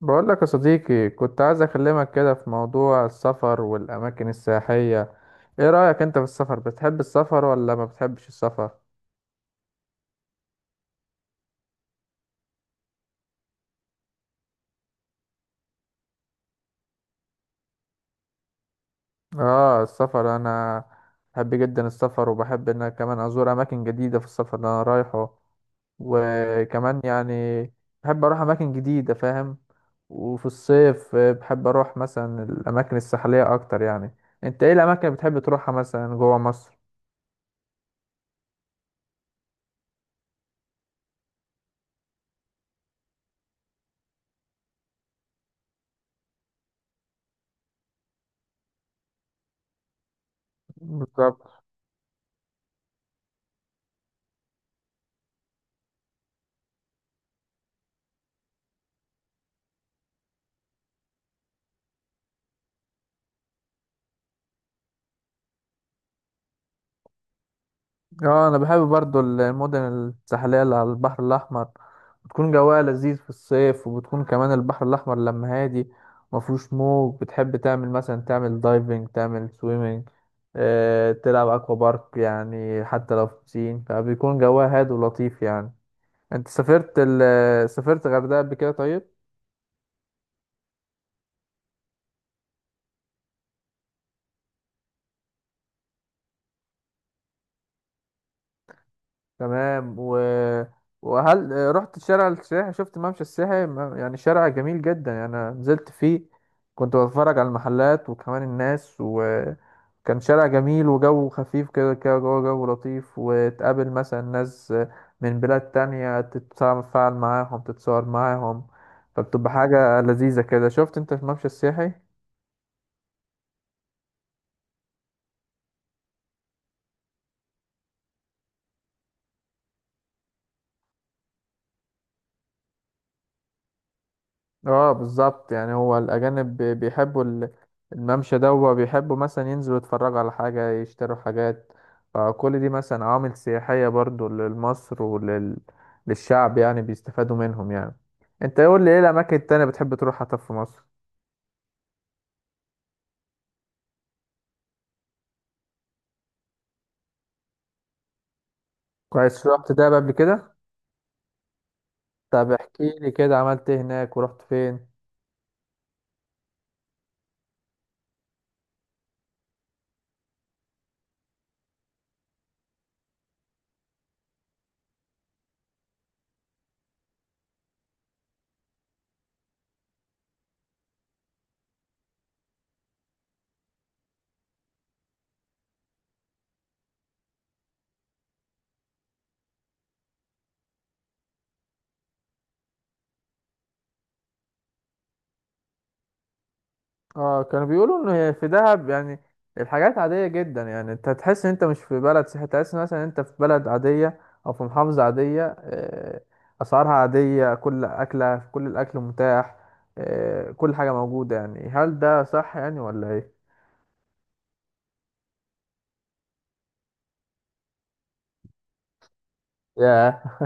بقول لك يا صديقي، كنت عايز اكلمك كده في موضوع السفر والاماكن السياحية. ايه رأيك انت في السفر؟ بتحب السفر ولا ما بتحبش السفر؟ اه، السفر انا بحب جدا السفر، وبحب ان أنا كمان ازور اماكن جديدة في السفر اللي انا رايحه. وكمان يعني بحب اروح اماكن جديدة، فاهم؟ وفي الصيف بحب اروح مثلا الاماكن الساحلية اكتر يعني. انت ايه الاماكن اللي بتحب تروحها مثلا جوه مصر؟ بالظبط. اه، انا بحب برضو المدن الساحليه اللي على البحر الاحمر، بتكون جواها لذيذ في الصيف، وبتكون كمان البحر الاحمر لما هادي مفهوش موج، بتحب تعمل مثلا تعمل دايفنج، تعمل سويمنج، تلعب اكوا بارك، يعني حتى لو في بسين فبيكون جواها هادي ولطيف يعني. انت سافرت سافرت غردقه قبل كده؟ طيب تمام، وهل رحت شارع السياحي؟ شفت ممشى السياحي؟ يعني شارع جميل جدا يعني، انا نزلت فيه كنت بتفرج على المحلات وكمان الناس، وكان شارع جميل وجو خفيف كده كده جوه جو لطيف، وتقابل مثلا ناس من بلاد تانية، تتفاعل معاهم تتصور معاهم، فبتبقى حاجة لذيذة كده. شفت انت في ممشى السياحي؟ اه بالظبط، يعني هو الأجانب بيحبوا الممشى ده، وبيحبوا مثلا ينزلوا يتفرجوا على حاجة، يشتروا حاجات. فكل دي مثلا عوامل سياحية برضو لمصر وللشعب، يعني بيستفادوا منهم يعني. انت قول لي ايه الأماكن التانية بتحب تروحها طب في مصر؟ كويس، رحت دهب قبل كده؟ طب احكي لي كده، عملت ايه هناك ورحت فين؟ اه، كانوا بيقولوا ان هي في دهب يعني الحاجات عادية جدا، يعني انت هتحس ان انت مش في بلد سياحي، تحس مثلا إن انت في بلد عادية او في محافظة عادية. اسعارها عادية، كل اكلة في، كل الاكل متاح، كل حاجة موجودة، يعني هل ده صح يعني ولا ايه؟ ياه،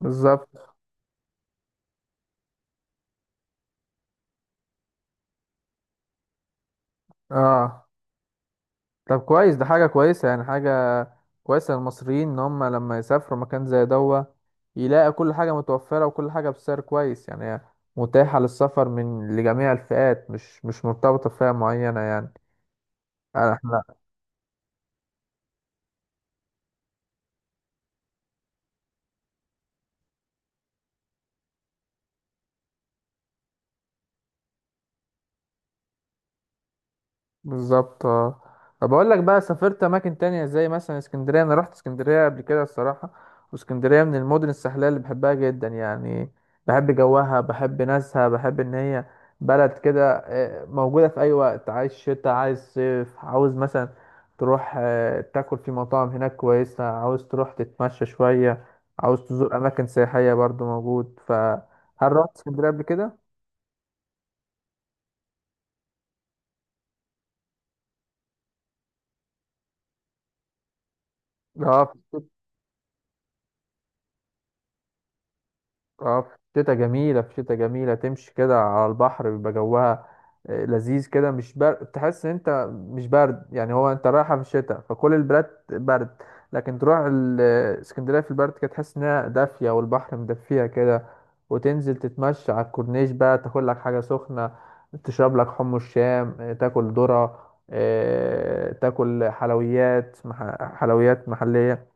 بالظبط. اه طب كويس، ده حاجة كويسة يعني، حاجة كويسة للمصريين إن هم لما يسافروا مكان زي دوا يلاقي كل حاجة متوفرة، وكل حاجة بسعر كويس، يعني هي متاحة للسفر من لجميع الفئات، مش مرتبطة بفئة معينة يعني. احنا بالظبط. اه طب بقول لك بقى، سافرت اماكن تانية زي مثلا اسكندريه، انا رحت اسكندريه قبل كده الصراحه، واسكندريه من المدن الساحليه اللي بحبها جدا يعني. بحب جوها، بحب ناسها، بحب ان هي بلد كده موجوده في اي وقت، عايز شتاء عايز صيف، عاوز مثلا تروح تاكل في مطاعم هناك كويسه، عاوز تروح تتمشى شويه، عاوز تزور اماكن سياحيه برضو موجود. فهل رحت اسكندريه قبل كده؟ اه. اه، في شتا جميلة، في شتا جميلة، تمشي كده على البحر بيبقى جوها لذيذ كده، مش برد، تحس ان انت مش برد يعني. هو انت رايحة في الشتاء فكل البلاد برد، لكن تروح اسكندرية في البرد كده تحس انها دافية والبحر مدفيها كده. وتنزل تتمشى على الكورنيش بقى، تاكل لك حاجة سخنة، تشرب لك حم الشام، تاكل ذرة، تاكل حلويات حلويات محلية.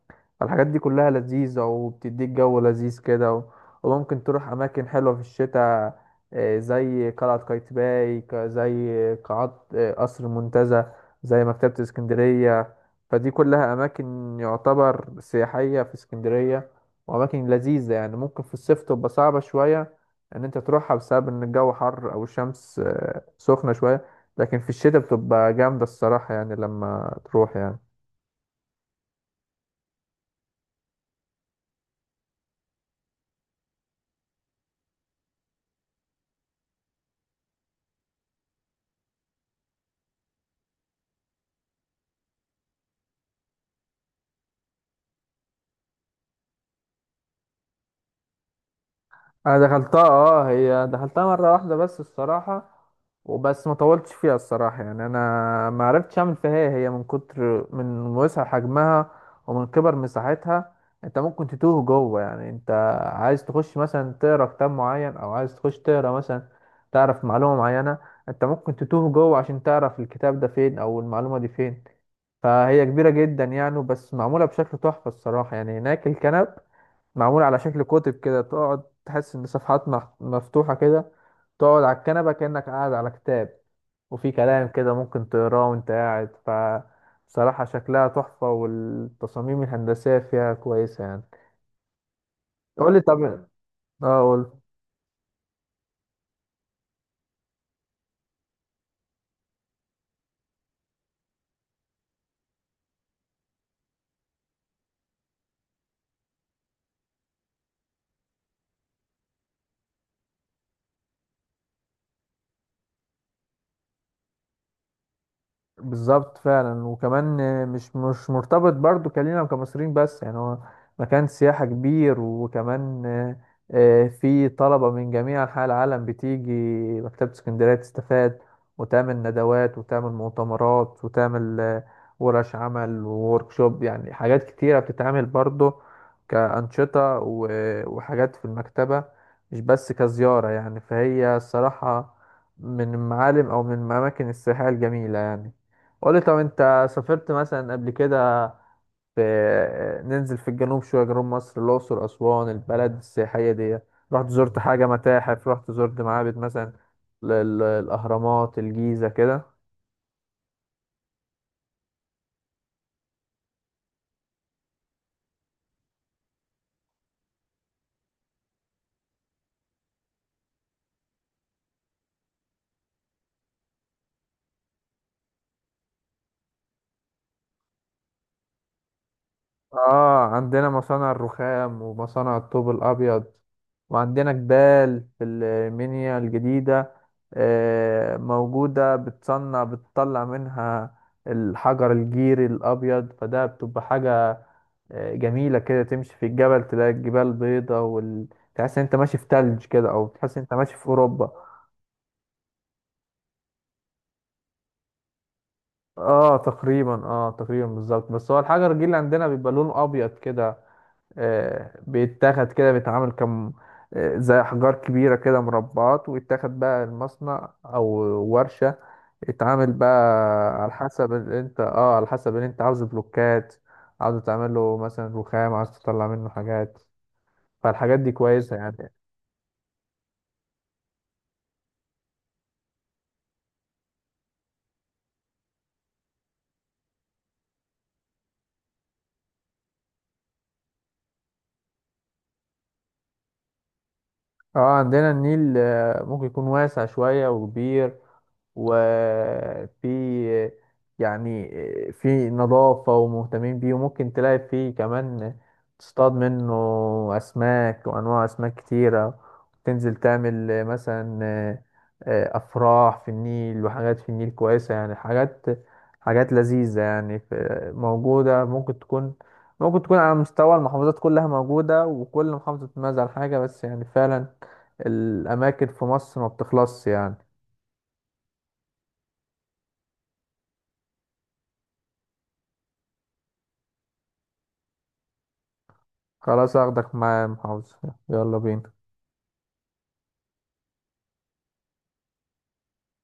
الحاجات دي كلها لذيذة وبتديك جو لذيذ كده، وممكن تروح أماكن حلوة في الشتاء، زي قلعة قايتباي، زي قاعات قصر المنتزه، زي مكتبة اسكندرية. فدي كلها أماكن يعتبر سياحية في اسكندرية، وأماكن لذيذة يعني. ممكن في الصيف تبقى صعبة شوية إن أنت تروحها بسبب إن الجو حر أو الشمس سخنة شوية، لكن في الشتاء بتبقى جامدة الصراحة يعني لما تروح يعني. انا دخلتها اه، هي دخلتها مره واحده بس الصراحه، وبس ما طولتش فيها الصراحه يعني، انا ما عرفتش اعمل فيها. هي من كتر من وسع حجمها ومن كبر مساحتها انت ممكن تتوه جوه يعني. انت عايز تخش مثلا تقرا كتاب معين، او عايز تخش تقرا مثلا تعرف معلومه معينه، انت ممكن تتوه جوه عشان تعرف الكتاب ده فين او المعلومه دي فين، فهي كبيره جدا يعني. بس معموله بشكل تحفه الصراحه يعني، هناك الكنب معمول على شكل كتب كده، تقعد تحس ان صفحات مفتوحة كده، تقعد على الكنبة كأنك قاعد على كتاب، وفي كلام كده ممكن تقراه وانت قاعد ف، بصراحة شكلها تحفة، والتصاميم الهندسية فيها كويسة يعني. قولي طب. اه قول. بالظبط فعلا. وكمان مش مرتبط برضو كلينا وكمصريين بس، يعني هو مكان سياحة كبير، وكمان في طلبة من جميع أنحاء العالم بتيجي مكتبة اسكندرية تستفاد، وتعمل ندوات، وتعمل مؤتمرات، وتعمل ورش عمل ووركشوب، يعني حاجات كتيرة بتتعمل برضو كأنشطة، وحاجات في المكتبة، مش بس كزيارة يعني. فهي الصراحة من المعالم أو من الأماكن السياحية الجميلة يعني. قولي طب، انت سافرت مثلا قبل كده في، ننزل في الجنوب شوية، جنوب مصر، الأقصر أسوان البلد السياحية دي؟ رحت زرت حاجة متاحف؟ رحت زرت معابد مثلا الأهرامات الجيزة كده؟ اه، عندنا مصانع الرخام ومصانع الطوب الابيض، وعندنا جبال في المنيا الجديدة موجودة، بتصنع بتطلع منها الحجر الجيري الأبيض. فده بتبقى حاجة جميلة كده، تمشي في الجبل تلاقي الجبال بيضة تحس إن أنت ماشي في تلج كده، أو تحس إن أنت ماشي في أوروبا. اه تقريبا، اه تقريبا بالظبط. بس هو الحجر الجيري اللي عندنا بيبقى لونه أبيض كده، بيتاخد كده بيتعمل كم، زي أحجار كبيرة كده مربعات، ويتاخد بقى المصنع أو ورشة يتعامل بقى على حسب اللي أنت اه على حسب اللي أنت عاوز بلوكات، عاوز تعمل له مثلا رخام، عاوز تطلع منه حاجات. فالحاجات دي كويسة يعني. اه عندنا النيل ممكن يكون واسع شوية وكبير، وفي يعني في نظافة ومهتمين بيه، وممكن تلاقي فيه كمان تصطاد منه أسماك وأنواع أسماك كتيرة، تنزل تعمل مثلا أفراح في النيل وحاجات في النيل كويسة يعني، حاجات حاجات لذيذة يعني في- موجودة. ممكن تكون على مستوى المحافظات كلها موجودة، وكل محافظة بتميز عن حاجة، بس يعني فعلا الأماكن في مصر ما بتخلصش يعني. خلاص هاخدك معايا يا محافظ. يلا بينا.